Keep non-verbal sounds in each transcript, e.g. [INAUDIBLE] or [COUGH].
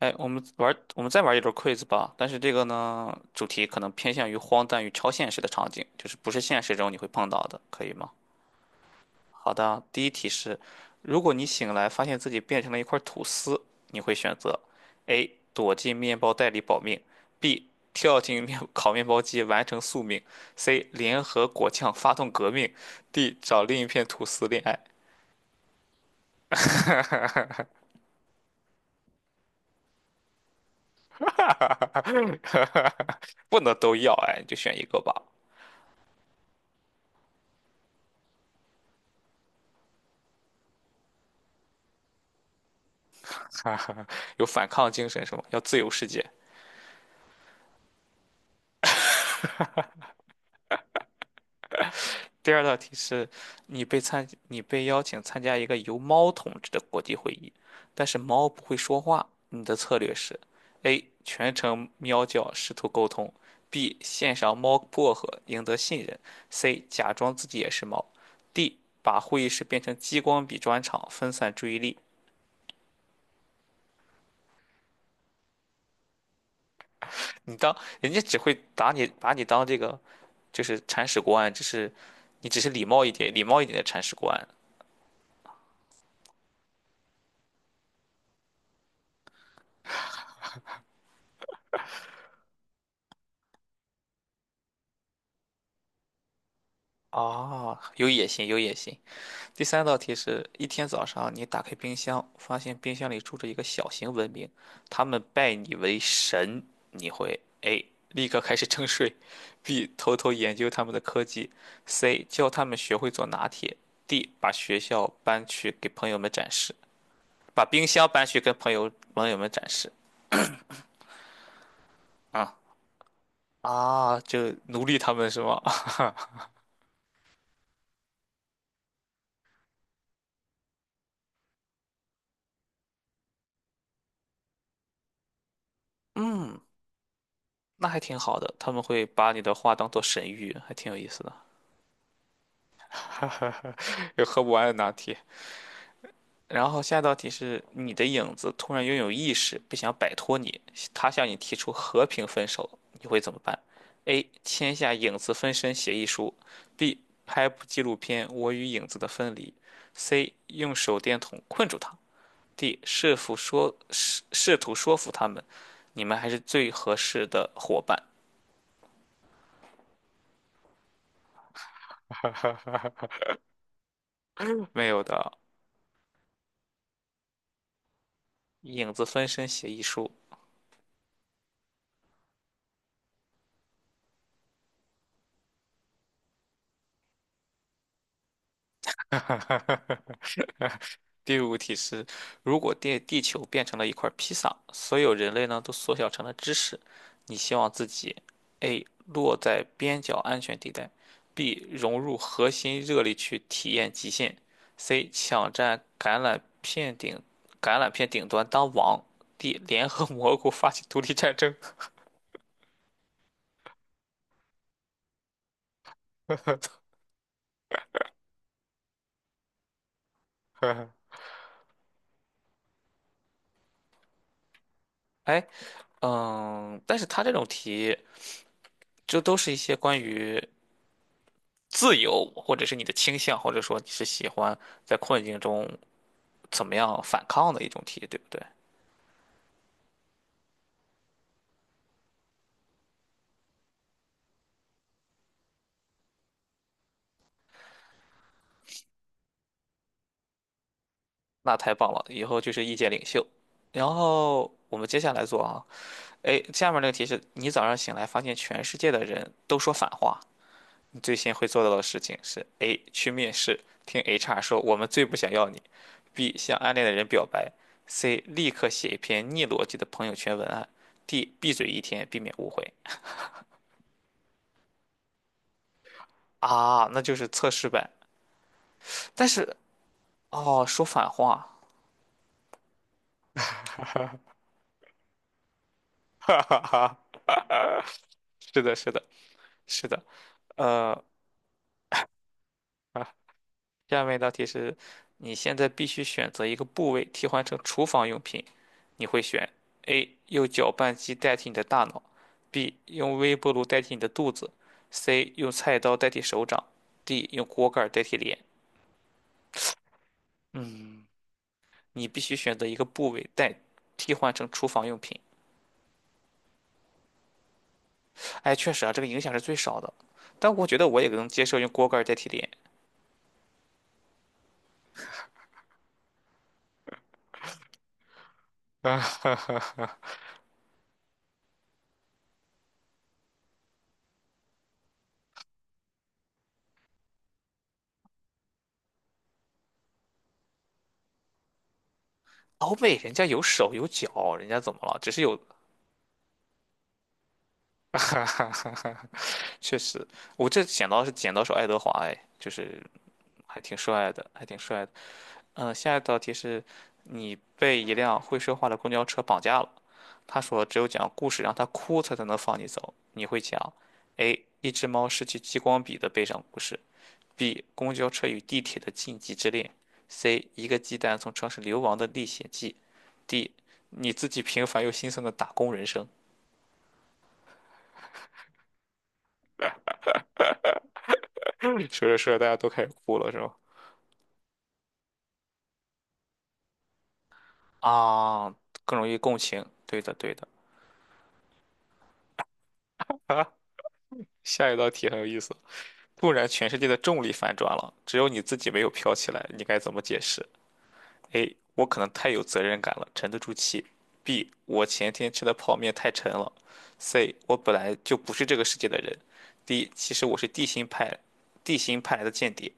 哎，我们再玩一轮 quiz 吧。但是这个呢，主题可能偏向于荒诞与超现实的场景，就是不是现实中你会碰到的，可以吗？好的，第一题是：如果你醒来发现自己变成了一块吐司，你会选择 A 躲进面包袋里保命，B 跳进面 [LAUGHS] 烤面包机完成宿命，C 联合果酱发动革命，D 找另一片吐司恋爱。不能都要，哎，你就选一个吧。有反抗精神是吗？要自由世界。第二道题是，你被邀请参加一个由猫统治的国际会议，但是猫不会说话，你的策略是：A. 全程喵叫试图沟通；B. 献上猫薄荷赢得信任；C. 假装自己也是猫；D. 把会议室变成激光笔专场，分散注意力。你当人家只会打你，把你当这个就是铲屎官，只是你只是礼貌一点，礼貌一点的铲屎官。啊，有野心，有野心。第三道题是一天早上，你打开冰箱，发现冰箱里住着一个小型文明，他们拜你为神，你会 A 立刻开始征税，B 偷偷研究他们的科技，C 教他们学会做拿铁，D 把学校搬去给朋友们展示，把冰箱搬去跟朋友们展示。啊，啊，就奴隶他们是吗？[LAUGHS] 嗯，那还挺好的，他们会把你的话当做神谕，还挺有意思的。[LAUGHS] 哈哈哈，[LAUGHS] 有喝不完的拿铁。然后下一道题是你的影子突然拥有意识，不想摆脱你，他向你提出和平分手，你会怎么办？A. 签下影子分身协议书；B. 拍部纪录片《我与影子的分离》；C. 用手电筒困住他；D. 试图说服他们，你们还是最合适的伙伴。没有的，影子分身协议书。[LAUGHS] 第五题是：如果地球变成了一块披萨，所有人类呢都缩小成了芝士，你希望自己 A 落在边角安全地带，B 融入核心热力去体验极限，C 抢占橄榄片顶橄榄片顶端当王，D [LAUGHS] 联合蘑菇发起独立战争。[LAUGHS] 哎，嗯，但是他这种题，这都是一些关于自由，或者是你的倾向，或者说你是喜欢在困境中怎么样反抗的一种题，对不对？那太棒了，以后就是意见领袖。然后我们接下来做啊，哎，下面那个题是你早上醒来发现全世界的人都说反话，你最先会做到的事情是：A. 去面试，听 HR 说我们最不想要你；B. 向暗恋的人表白；C. 立刻写一篇逆逻辑的朋友圈文案；D. 闭嘴一天，避免误会。啊，那就是测试呗。但是哦，说反话。[LAUGHS] 哈哈哈，是的，是的，是的。呃，下面一道题是，你现在必须选择一个部位替换成厨房用品，你会选 A 用搅拌机代替你的大脑，B 用微波炉代替你的肚子，C 用菜刀代替手掌，D 用锅盖代替脸。嗯，你必须选择一个部位替换成厨房用品。哎，确实啊，这个影响是最少的，但我觉得我也能接受用锅盖代替脸。[LAUGHS] 欧美人家有手有脚，人家怎么了？只是有。[LAUGHS] 哈哈哈哈，确实，我这剪刀是剪刀手爱德华，哎，就是还挺帅的，还挺帅的。嗯，下一道题是，你被一辆会说话的公交车绑架了，他说只有讲故事让他哭，他才能放你走。你会讲：A. 一只猫失去激光笔的悲伤故事；B. 公交车与地铁的禁忌之恋；C. 一个鸡蛋从城市流亡的历险记；D. 你自己平凡又心酸的打工人生。[LAUGHS] 说着说着，大家都开始哭了，是吗？啊，更容易共情。对的，对的。下一道题很有意思，突然全世界的重力反转了，只有你自己没有飘起来，你该怎么解释？A. 我可能太有责任感了，沉得住气。B. 我前天吃的泡面太沉了。C. 我本来就不是这个世界的人。D. 其实我是地心派，地心派来的间谍。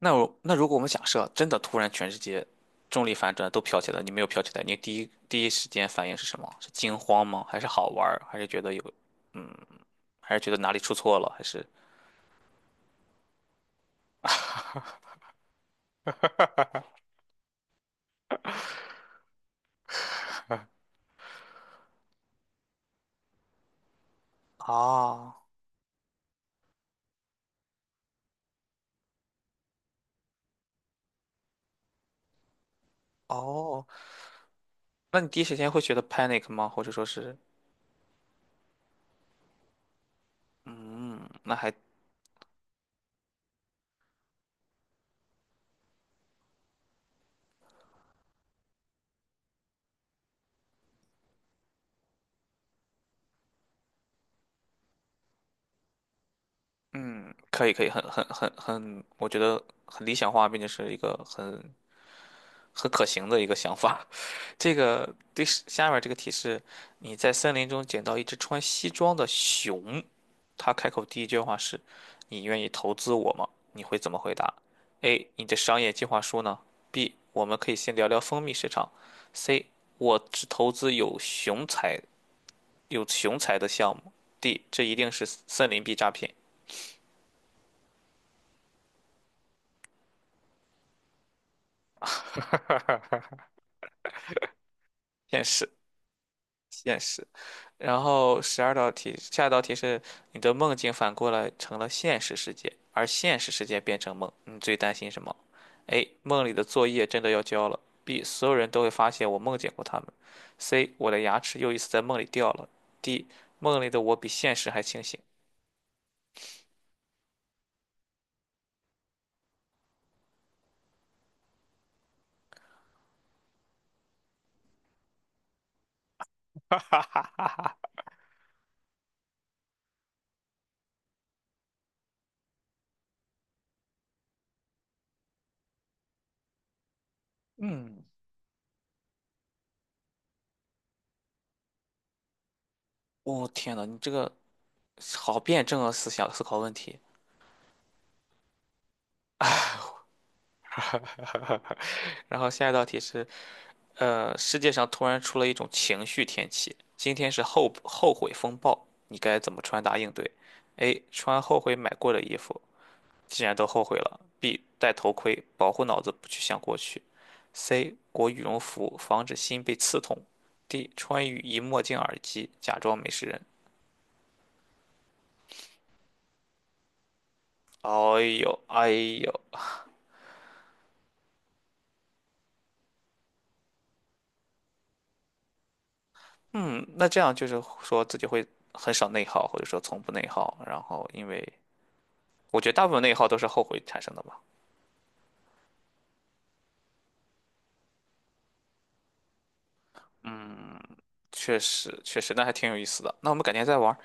那如果我们假设真的突然全世界重力反转都飘起来，你没有飘起来，你第一时间反应是什么？是惊慌吗？还是好玩儿？还是觉得有，嗯，还是觉得哪里出错了？还是啊，哦，那你第一时间会觉得 panic 吗？或者说是，嗯，那还，嗯，可以可以，很，我觉得很理想化，并且是一个很可行的一个想法。这个第十下面这个题是：你在森林中捡到一只穿西装的熊，它开口第一句话是："你愿意投资我吗？"你会怎么回答？A. 你的商业计划书呢？B. 我们可以先聊聊蜂蜜市场。C. 我只投资有熊才的项目。D. 这一定是森林币诈骗，现是。现实。然后十二道题，下一道题是你的梦境反过来成了现实世界，而现实世界变成梦，你最担心什么？A. 梦里的作业真的要交了。B. 所有人都会发现我梦见过他们。C. 我的牙齿又一次在梦里掉了。D. 梦里的我比现实还清醒。[LAUGHS] 哈哈哈哈哈！嗯，我、天呐，你这个好辩证啊，思想思考问题。唉。 [LAUGHS] 然后下一道题是，世界上突然出了一种情绪天气，今天是后悔风暴，你该怎么穿搭应对？A. 穿后悔买过的衣服，既然都后悔了。B. 戴头盔，保护脑子不去想过去。C. 裹羽绒服，防止心被刺痛。D. 穿雨衣、墨镜、耳机，假装没事人。哎呦，哎呦，嗯，那这样就是说自己会很少内耗，或者说从不内耗，然后因为。我觉得大部分内耗都是后悔产生的吧。确实，确实，那还挺有意思的。那我们改天再玩。